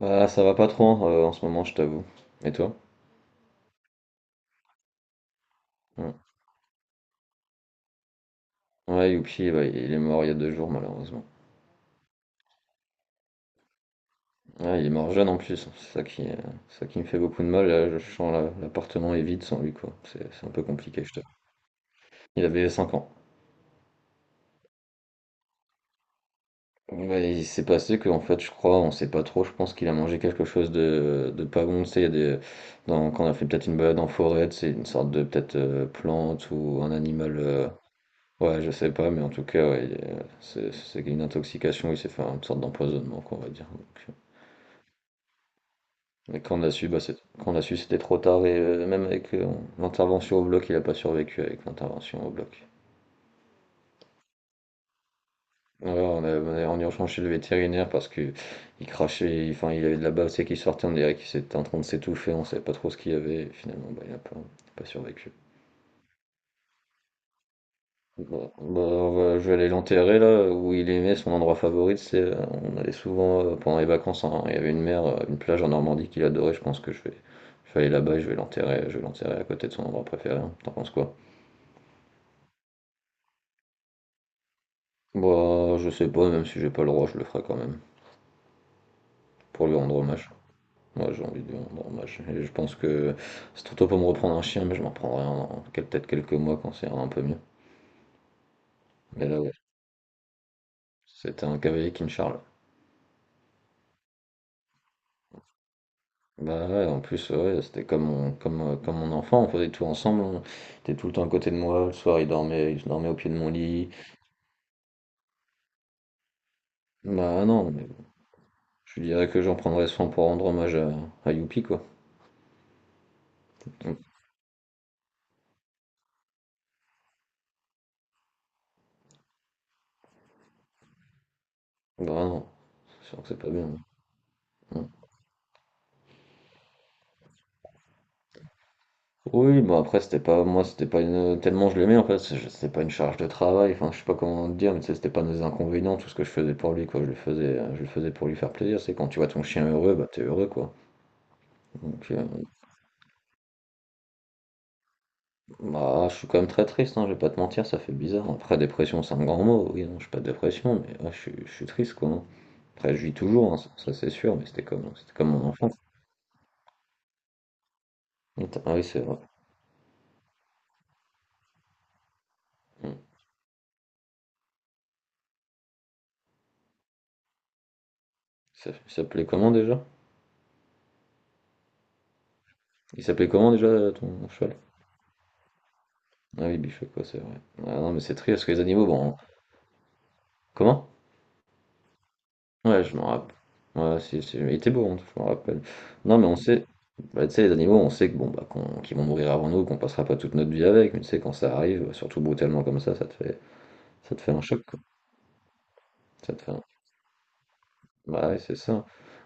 Ah, ça va pas trop hein, en ce moment, je t'avoue. Et toi? Ouais, ouais, Youpi, bah, il est mort il y a 2 jours, malheureusement. Ah, il est mort jeune en plus, c'est ça qui me fait beaucoup de mal. Là, je sens l'appartement est vide sans lui, quoi. C'est un peu compliqué, je t'avoue. Il avait 5 ans. Ouais, il s'est passé que, en fait, je crois, on sait pas trop, je pense qu'il a mangé quelque chose de pas bon. Tu sais, il y a des, quand on a fait peut-être une balade en forêt, c'est une sorte de peut-être plante ou un animal. Ouais, je sais pas, mais en tout cas, ouais, c'est une intoxication, il s'est fait une sorte d'empoisonnement, quoi, on va dire. Donc, mais quand on a su, bah, quand on a su, c'était trop tard, et même avec l'intervention au bloc, il a pas survécu avec l'intervention au bloc. Ouais, on est en urgence chez le vétérinaire parce que il crachait, enfin, il avait de la bave, c'est qui sortait, on dirait qu'il était en train de s'étouffer, on savait pas trop ce qu'il y avait, et finalement, bah, il a pas, pas survécu. Bon, bah, je vais aller l'enterrer là où il aimait son endroit favori, c'est on allait souvent pendant les vacances, hein, il y avait une mer, une plage en Normandie qu'il adorait, je vais aller là-bas et je vais l'enterrer à côté de son endroit préféré, hein. T'en penses quoi? Bah je sais pas, même si j'ai pas le droit, je le ferai quand même, pour lui rendre hommage. Moi j'ai envie de lui rendre hommage. Et je pense que c'est trop tôt pour me reprendre un chien, mais je m'en prendrai un dans peut-être quelques mois quand c'est un peu mieux. Mais là ouais, c'était un cavalier King Charles. Bah ouais, en plus, ouais, c'était comme mon, comme, comme mon enfant, on faisait tout ensemble, on était tout le temps à côté de moi, le soir il dormait au pied de mon lit. Bah non, mais bon, je lui dirais que j'en prendrais soin pour rendre hommage à Youpi, quoi. Mm. Bah non, c'est sûr que c'est pas bien. Mm. Oui, bah après c'était pas, moi c'était pas une, tellement je l'aimais en fait, c'était pas une charge de travail, enfin je sais pas comment te dire, mais tu sais, c'était pas des inconvénients, tout ce que je faisais pour lui, quoi, je le faisais pour lui faire plaisir, c'est quand tu vois ton chien heureux, bah t'es heureux, quoi. Donc, bah, je suis quand même très triste, hein, je vais pas te mentir, ça fait bizarre. Après, dépression, c'est un grand mot. Oui, non, je suis pas de dépression, mais ouais, je suis triste, quoi, hein. Après, je vis toujours, hein, ça, c'est sûr, mais c'était comme mon enfance. Attends, ah oui, c'est vrai. Hmm. Il s'appelait comment déjà? Il s'appelait comment déjà ton cheval? Ah oui, Bichot, quoi, c'est vrai. Ah non, mais c'est triste, parce que les animaux, bon. Comment? Ouais, je m'en rappelle. Ouais, si, si, mais il était beau, hein, je m'en rappelle. Non, mais on sait. Bah, tu sais, les animaux, on sait que bon, bah, qu'ils vont mourir avant nous, qu'on passera pas toute notre vie avec, mais tu sais, quand ça arrive, surtout brutalement comme ça te fait. Ça te fait un choc, quoi. Ça te fait un bah ouais, c'est ça.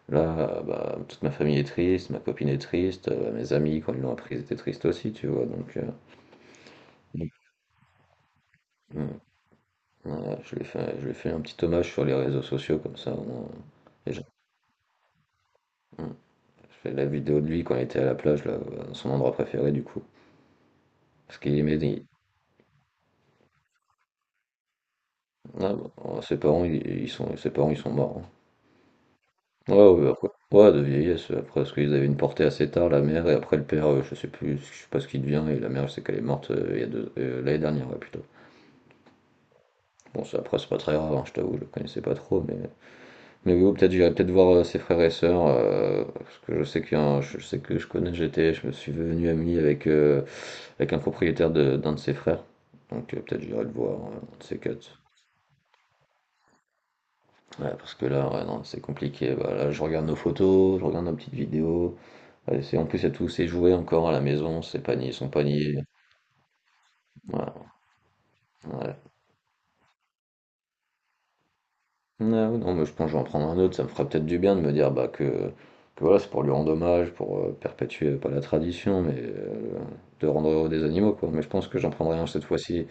Là, bah, toute ma famille est triste, ma copine est triste, mes amis, quand ils l'ont appris, ils étaient tristes aussi, tu vois. Donc, mm, voilà, je lui ai fait un petit hommage sur les réseaux sociaux, comme ça, au moins. Les gens- mm. Je fais la vidéo de lui quand il était à la plage, là, dans son endroit préféré, du coup. Parce qu'il aimait. Des- Ah, bah, ses parents, ils sont, ses parents, ils sont morts, hein. Ouais, ouais, bah, après, ouais, de vieillesse, après, parce qu'ils avaient une portée assez tard, la mère, et après le père, je sais plus, je sais pas ce qu'il devient, et la mère, je sais qu'elle est morte il y a deux, l'année dernière, ouais, plutôt. Bon, ça, après, c'est pas très grave, hein, je t'avoue, je le connaissais pas trop, mais oui, peut-être, j'irai peut-être voir ses frères et sœurs, parce que je sais qu'il y a un- je sais que je connais, j'étais, je me suis venu ami avec, avec un propriétaire d'un de ses frères, donc peut-être j'irai le voir, un de ces quatre. Ouais, parce que là, ouais, non, c'est compliqué, bah, là, je regarde nos photos, je regarde nos petites vidéos. Ouais, c'est, en plus, il y a tous ses jouets encore à la maison, ses paniers, son panier. Voilà, ouais. Ah oui, non, mais je pense que je vais en prendre un autre, ça me ferait peut-être du bien de me dire bah, que voilà, c'est pour lui rendre hommage, pour perpétuer, pas la tradition, mais de rendre heureux des animaux, quoi. Mais je pense que j'en prendrai un cette fois-ci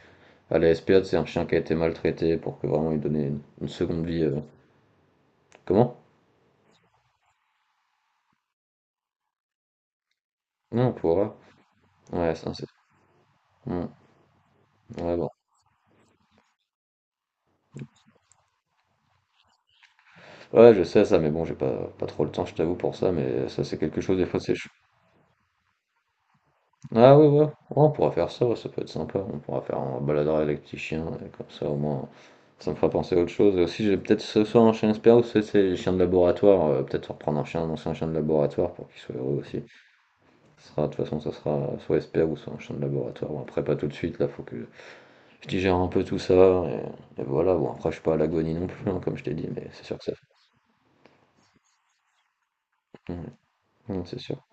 à la SPA, c'est un chien qui a été maltraité pour que vraiment lui donner une seconde vie. Comment? Non, on pourra. Ouais, ça, c'est. Hmm. Ouais, bon. Ouais, je sais ça, mais bon, j'ai pas, pas trop le temps, je t'avoue, pour ça, mais ça, c'est quelque chose, des fois, c'est ah ouais, ouais, ouais, on pourra faire ça, ouais, ça peut être sympa. On pourra faire un baladeur avec les petits chiens, et comme ça au moins ça me fera penser à autre chose. Et aussi, j'ai peut-être ce soir un chien expert ou c'est les chiens de laboratoire, peut-être reprendre un chien, un ancien chien de laboratoire pour qu'il soit heureux aussi. Ce sera, de toute façon, ça sera soit expert ou soit un chien de laboratoire. Bon, après, pas tout de suite, là, faut que je digère un peu tout ça, et voilà. Bon, après, je suis pas à l'agonie non plus, hein, comme je t'ai dit, mais c'est sûr que ça fait. Ouais, ouais, c'est sûr.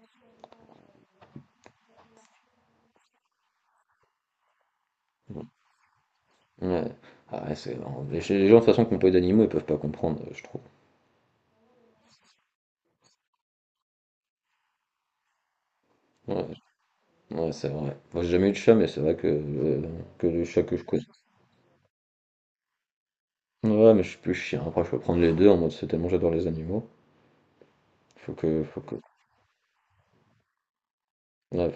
Ouais. Ouais. Ah ouais, c'est... Les gens, de toute façon, qui n'ont pas eu d'animaux, ils peuvent pas comprendre, je trouve. Ouais, ouais, c'est vrai. Moi, j'ai jamais eu de chat, mais c'est vrai que le chat que je connais. Ouais, mais je suis plus chien. Après, je peux prendre les deux en mode c'est tellement j'adore les animaux. Faut que, faut que. Ouais,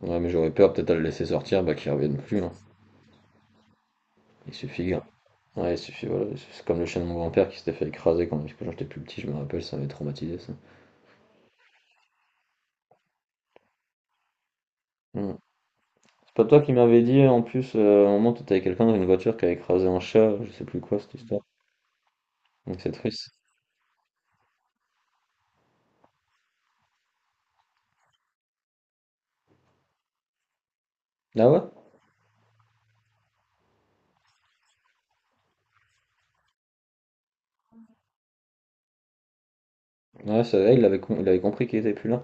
ouais mais j'aurais peur peut-être à le laisser sortir, bah qu'il revienne plus, hein. Il suffit, hein ouais, il suffit, voilà. C'est comme le chien de mon grand-père qui s'était fait écraser quand, quand j'étais plus petit, je me rappelle, ça m'avait traumatisé ça. Hmm. C'est pas toi qui m'avais dit en plus, à un moment t'étais avec quelqu'un dans une voiture qui a écrasé un chat, je sais plus quoi cette histoire. Donc c'est triste. Ah ouais? Ouais, c'est vrai, il avait compris qu'il était plus là.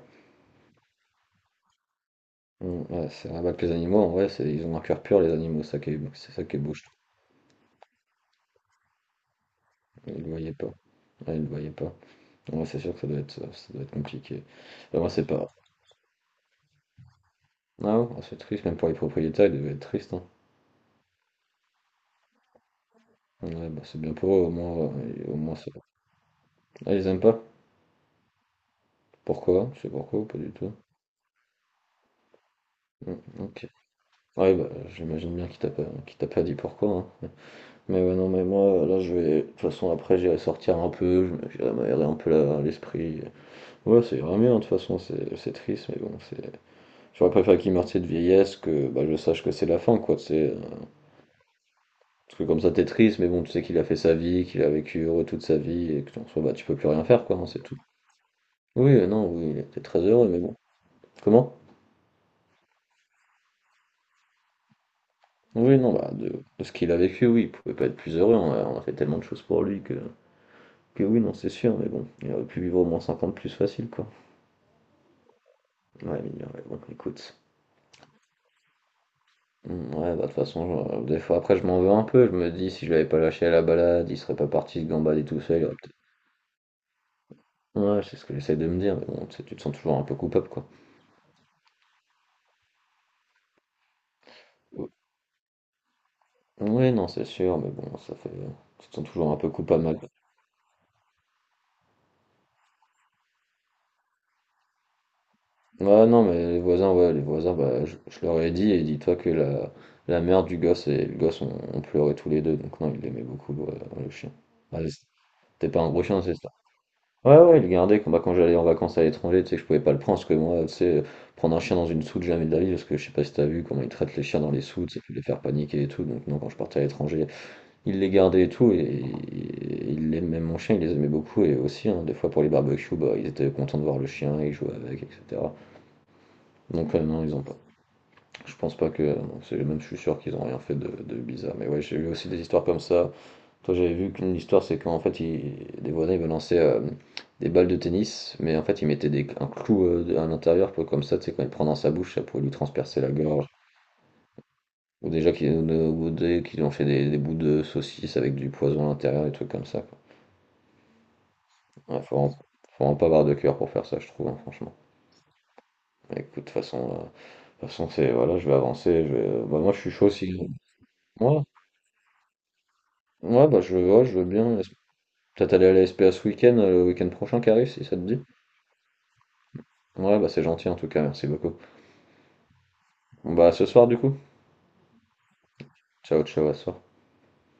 Mmh, ouais, c'est un avec les animaux, en vrai, c'est ils ont un cœur pur, les animaux, ça qui est c'est ça qui est beau, je trouve. Ils le voyaient pas. Ouais, ils le voyaient pas. Ouais, c'est sûr que ça doit être compliqué. Bah, moi, c'est pas. Ah ouais, ah, c'est triste, même pour les propriétaires, ils devaient être tristes, hein. Ouais, bah, c'est bien pour eux, au moins c'est. Ah, ils aiment pas? Pourquoi? C'est pourquoi ou pas du tout? Mm, ok. Ouais, bah, j'imagine bien qu'il t'a pas dit pourquoi, hein. Mais ouais, non, mais moi, là, je vais. De toute façon, après, j'irai sortir un peu, j'irai m'aérer un peu l'esprit. Ouais, c'est grave bien, de toute façon, c'est triste, mais bon, c'est. J'aurais préféré qu'il meure, tu sais, de vieillesse, que bah, je sache que c'est la fin, quoi, tu sais. Parce que comme ça, t'es triste, mais bon, tu sais qu'il a fait sa vie, qu'il a vécu heureux toute sa vie, et que en soi, bah, tu peux plus rien faire, quoi, hein, c'est tout. Oui, non, oui, il était très heureux, mais bon. Comment? Oui, non, bah, de ce qu'il a vécu, oui, il pouvait pas être plus heureux, on a fait tellement de choses pour lui que. Que oui, non, c'est sûr, mais bon, il aurait pu vivre au moins 50 plus facile, quoi. Ouais, mais, ouais, bon, écoute. Mmh, ouais, bah, de toute façon, des fois, après, je m'en veux un peu. Je me dis: «Si je l'avais pas lâché à la balade, il serait pas parti se gambader tout seul, il aurait peut-être» ouais, c'est ce que j'essaie de me dire, mais bon, tu sais, tu te sens toujours un peu coupable, quoi. Ou oui, non, c'est sûr, mais bon, ça fait tu te sens toujours un peu coupable mal ouais, non, mais les voisins, ouais, les voisins, bah, je leur ai dit et dis-toi que la mère du gosse et le gosse ont pleuré tous les 2 donc non, il aimait beaucoup, le chien. Ah, je sais pas un gros chien, c'est ça? Ouais, ouais, il le gardait quand, bah, quand j'allais en vacances à l'étranger, tu sais que je pouvais pas le prendre, parce que moi, tu sais, prendre un chien dans une soute, jamais de la vie, parce que je sais pas si t'as vu comment ils traitent les chiens dans les soutes, ça peut les faire paniquer et tout, donc non, quand je partais à l'étranger, il les gardait et tout, et il aimait même mon chien, il les aimait beaucoup, et aussi, hein, des fois pour les barbecues, bah, ils étaient contents de voir le chien, ils jouaient avec, etc. Donc non, ils ont pas. Je pense pas que. Bon, c'est même je suis sûr qu'ils ont rien fait de bizarre. Mais ouais, j'ai vu aussi des histoires comme ça. Toi, j'avais vu qu'une histoire, c'est qu'en fait, des voisins, ils me lançaient des balles de tennis, mais en fait, un clou à l'intérieur, comme ça, tu sais, quand il prend dans sa bouche, ça pouvait lui transpercer la gorge. Ou déjà qu'ils qu'ils ont fait des bouts de saucisse avec du poison à l'intérieur, des trucs comme ça, quoi. Ouais, faut vraiment pas avoir de cœur pour faire ça, je trouve, hein, franchement. Mais écoute, de toute façon c'est voilà, je vais avancer. Je vais, bah, moi, je suis chaud si. Moi, ouais, bah je, ouais, je veux bien. Laisse- peut-être aller à la SPA ce week-end, le week-end prochain qui arrive, si ça te dit. Ouais, bah c'est gentil en tout cas, merci beaucoup. Bon, bah à ce soir du coup. Ciao, ciao, à ce soir.